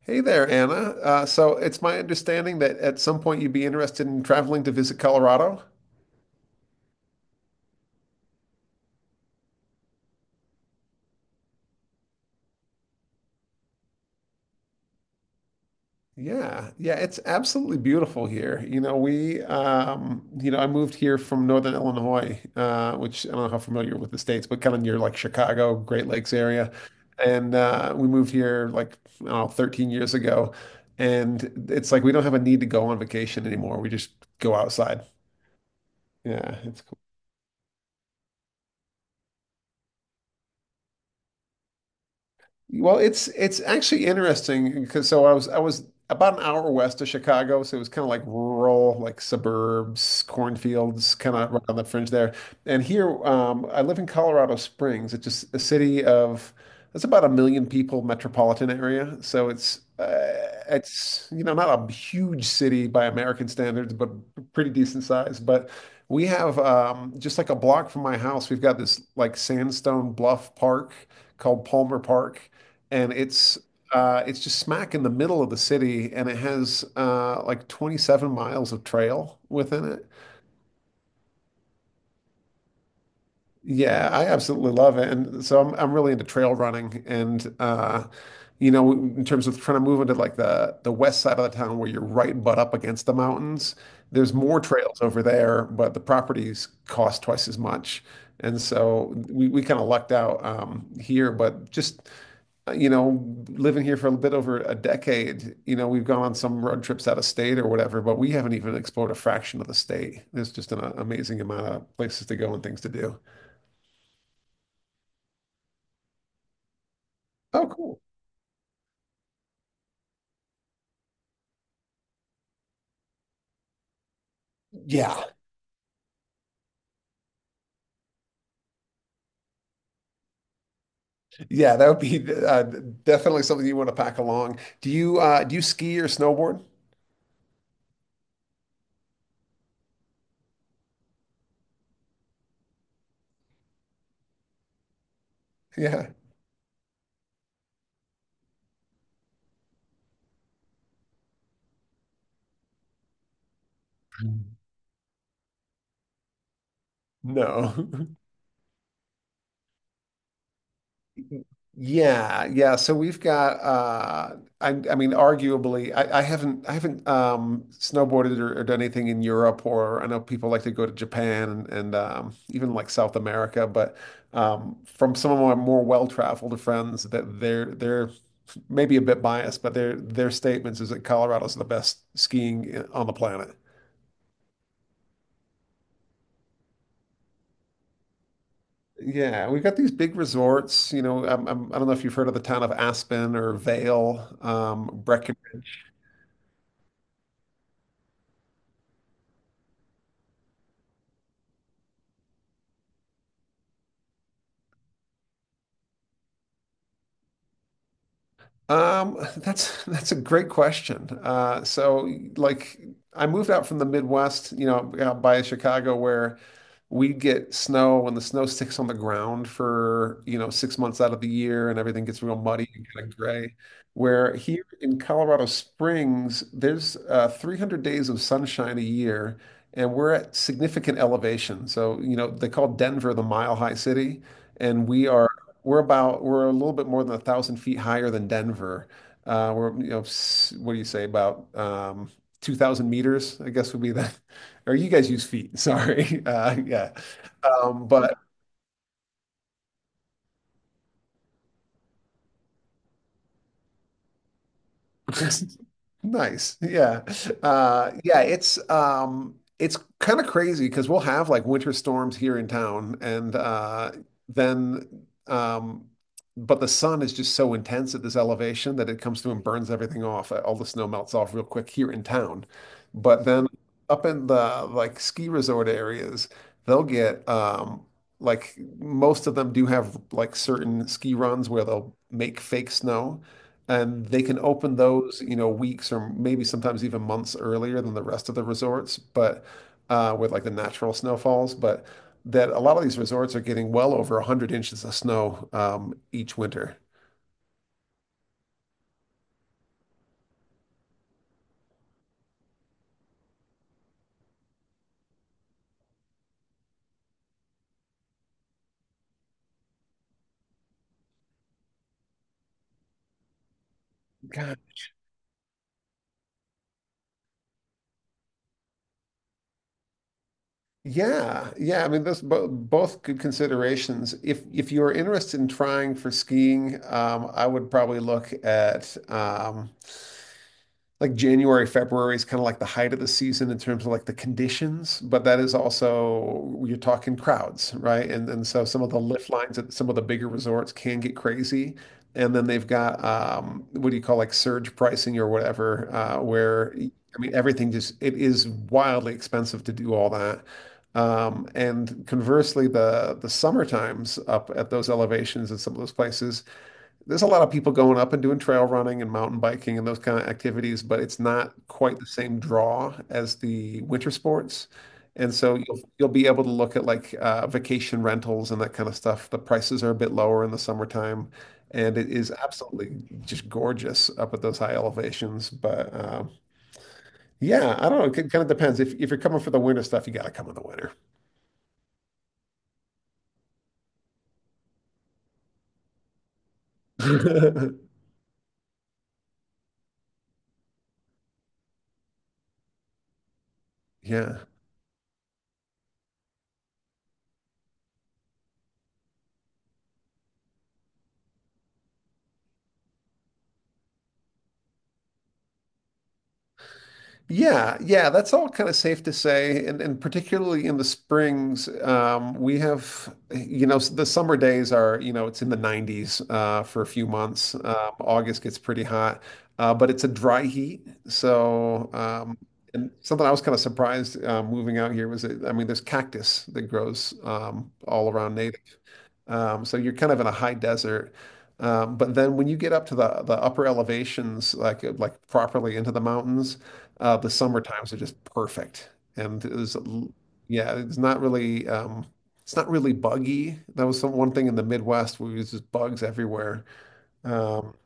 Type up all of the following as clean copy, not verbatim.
Hey there, Anna. So it's my understanding that at some point you'd be interested in traveling to visit Colorado. Yeah, yeah, it's absolutely beautiful here. You know, I moved here from Northern Illinois, which I don't know how familiar with the states, but kind of near like Chicago, Great Lakes area. And we moved here like, I don't know, 13 years ago. And it's like we don't have a need to go on vacation anymore. We just go outside. Yeah, it's well, it's actually interesting because so I was about an hour west of Chicago, so it was kind of like rural, like suburbs, cornfields, kind of right on the fringe there. And here, I live in Colorado Springs. It's just a city of, it's about 1,000,000 people, metropolitan area. So it's you know not a huge city by American standards, but pretty decent size. But we have just like a block from my house, we've got this like sandstone bluff park called Palmer Park, and it's just smack in the middle of the city, and it has like 27 miles of trail within it. Yeah, I absolutely love it, and so I'm really into trail running, and you know, in terms of trying to move into like the west side of the town where you're right butt up against the mountains, there's more trails over there, but the properties cost twice as much. And so we kind of lucked out here, but just you know, living here for a bit over a decade, you know, we've gone on some road trips out of state or whatever, but we haven't even explored a fraction of the state. There's just an amazing amount of places to go and things to do. Oh, cool. Yeah. Yeah, that would be definitely something you want to pack along. Do you ski or snowboard? Yeah. No. Yeah, yeah. So we've got I mean arguably I haven't snowboarded or done anything in Europe or I know people like to go to Japan, and even like South America, but from some of my more well-traveled friends that they're maybe a bit biased, but their statements is that Colorado's the best skiing on the planet. Yeah, we've got these big resorts, you know, I don't know if you've heard of the town of Aspen or Vail, Breckenridge. That's a great question. So like I moved out from the Midwest, you know, out by Chicago where we get snow and the snow sticks on the ground for, you know, 6 months out of the year and everything gets real muddy and kind of gray. Where here in Colorado Springs, there's 300 days of sunshine a year and we're at significant elevation. So, you know, they call Denver the mile high city and we are we're about we're a little bit more than 1,000 feet higher than Denver. We're you know what do you say about 2,000 meters? I guess would be that. Or you guys use feet. Sorry. Yeah. But nice. Yeah. Yeah, it's kind of crazy because we'll have like winter storms here in town and then um but the sun is just so intense at this elevation that it comes through and burns everything off. All the snow melts off real quick here in town. But then up in the like ski resort areas, they'll get like most of them do have like certain ski runs where they'll make fake snow. And they can open those, you know, weeks or maybe sometimes even months earlier than the rest of the resorts, but with like the natural snowfalls. But that a lot of these resorts are getting well over 100 inches of snow each winter. God. Yeah, yeah. I mean, those bo both good considerations. If you're interested in trying for skiing, I would probably look at like January, February is kind of like the height of the season in terms of like the conditions, but that is also you're talking crowds, right? And so some of the lift lines at some of the bigger resorts can get crazy. And then they've got what do you call like surge pricing or whatever, where I mean everything just it is wildly expensive to do all that. And conversely, the summer times up at those elevations at some of those places there's a lot of people going up and doing trail running and mountain biking and those kind of activities, but it's not quite the same draw as the winter sports. And so you'll be able to look at like vacation rentals and that kind of stuff. The prices are a bit lower in the summertime, and it is absolutely just gorgeous up at those high elevations. But yeah, I don't know. It kind of depends. If you're coming for the winter stuff, you got to come in the winter. Yeah. Yeah, yeah, that's all kind of safe to say, and particularly in the springs, we have, you know, the summer days are, you know, it's in the 90s for a few months. August gets pretty hot, but it's a dry heat. So, and something I was kind of surprised moving out here was, that, I mean, there's cactus that grows all around native. So you're kind of in a high desert. But then when you get up to the upper elevations, like properly into the mountains, the summer times are just perfect. And there's, yeah, it's not really buggy. That was some one thing in the Midwest where it was just bugs everywhere. Um,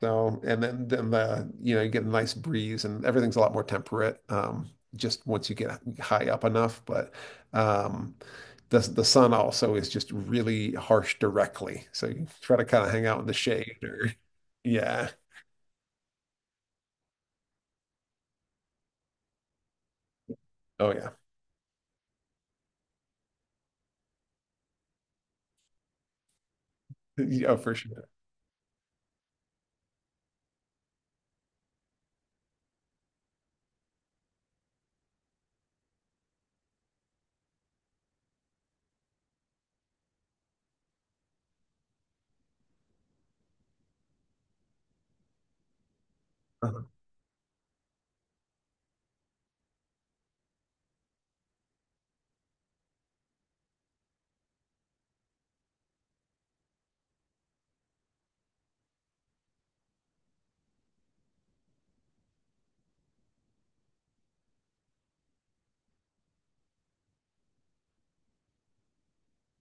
so, and then the you know you get a nice breeze and everything's a lot more temperate. Just once you get high up enough, but um, the sun also is just really harsh directly. So you try to kind of hang out in the shade or yeah, oh yeah, yeah for sure. Uh-huh.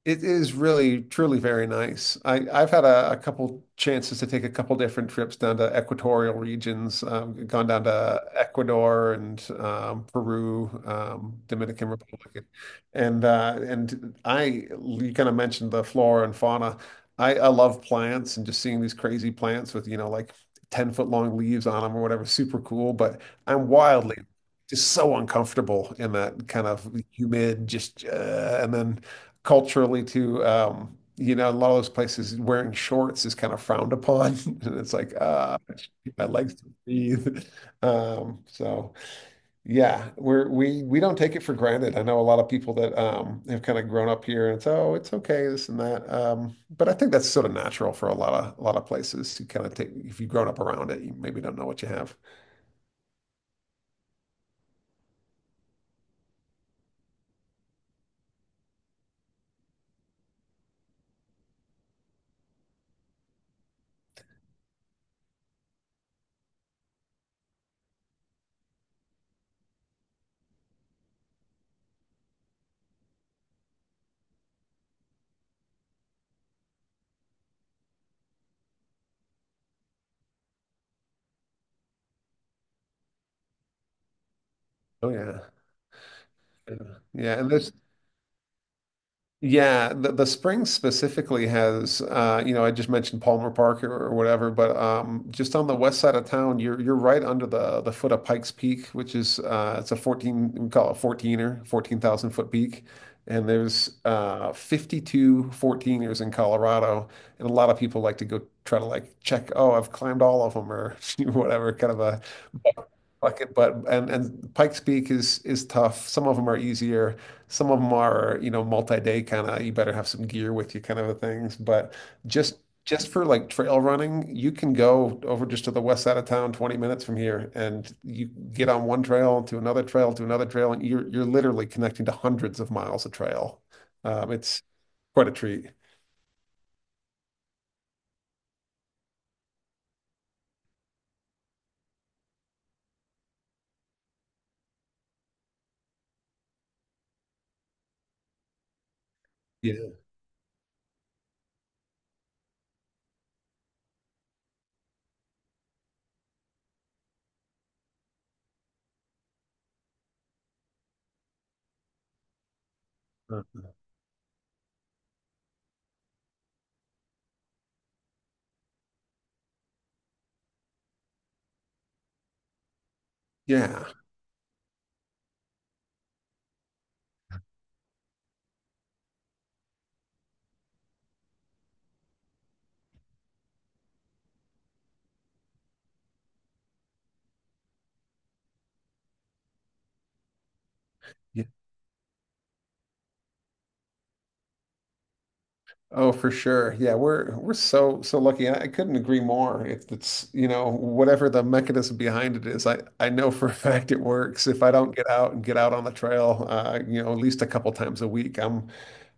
It is really, truly very nice. I've had a couple chances to take a couple different trips down to equatorial regions. Gone down to Ecuador and Peru, Dominican Republic, and I you kind of mentioned the flora and fauna. I love plants and just seeing these crazy plants with you know like 10 foot long leaves on them or whatever, super cool. But I'm wildly just so uncomfortable in that kind of humid, just and then culturally too, you know, a lot of those places wearing shorts is kind of frowned upon. And it's like, I should keep my legs to breathe. So yeah, we don't take it for granted. I know a lot of people that have kind of grown up here and it's oh, it's okay, this and that. But I think that's sort of natural for a lot of places to kind of take if you've grown up around it, you maybe don't know what you have. Oh yeah. Yeah. Yeah, and there's yeah, the spring specifically has you know, I just mentioned Palmer Park or whatever, but just on the west side of town, you're right under the foot of Pikes Peak, which is it's a 14, we call it 14er, 14,000 foot peak. And there's 52 fourteeners in Colorado, and a lot of people like to go try to like check, oh, I've climbed all of them or whatever, kind of a. Like, but and Pikes Peak is tough. Some of them are easier. Some of them are, you know, multi-day kind of. You better have some gear with you, kind of a things. But just for like trail running, you can go over just to the west side of town, 20 minutes from here, and you get on one trail to another trail to another trail, and you're literally connecting to hundreds of miles of trail. It's quite a treat. Yeah. Yeah. Oh, for sure. Yeah, we're so lucky, and I couldn't agree more. If it's, you know, whatever the mechanism behind it is, I know for a fact it works. If I don't get out and get out on the trail, you know, at least a couple times a week, I'm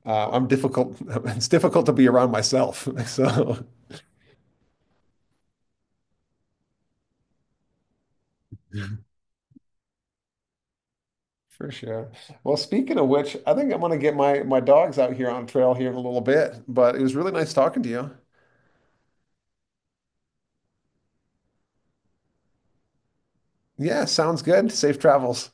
uh, I'm difficult. It's difficult to be around myself. So for sure. Well, speaking of which, I think I'm gonna get my dogs out here on trail here in a little bit. But it was really nice talking to you. Yeah, sounds good. Safe travels.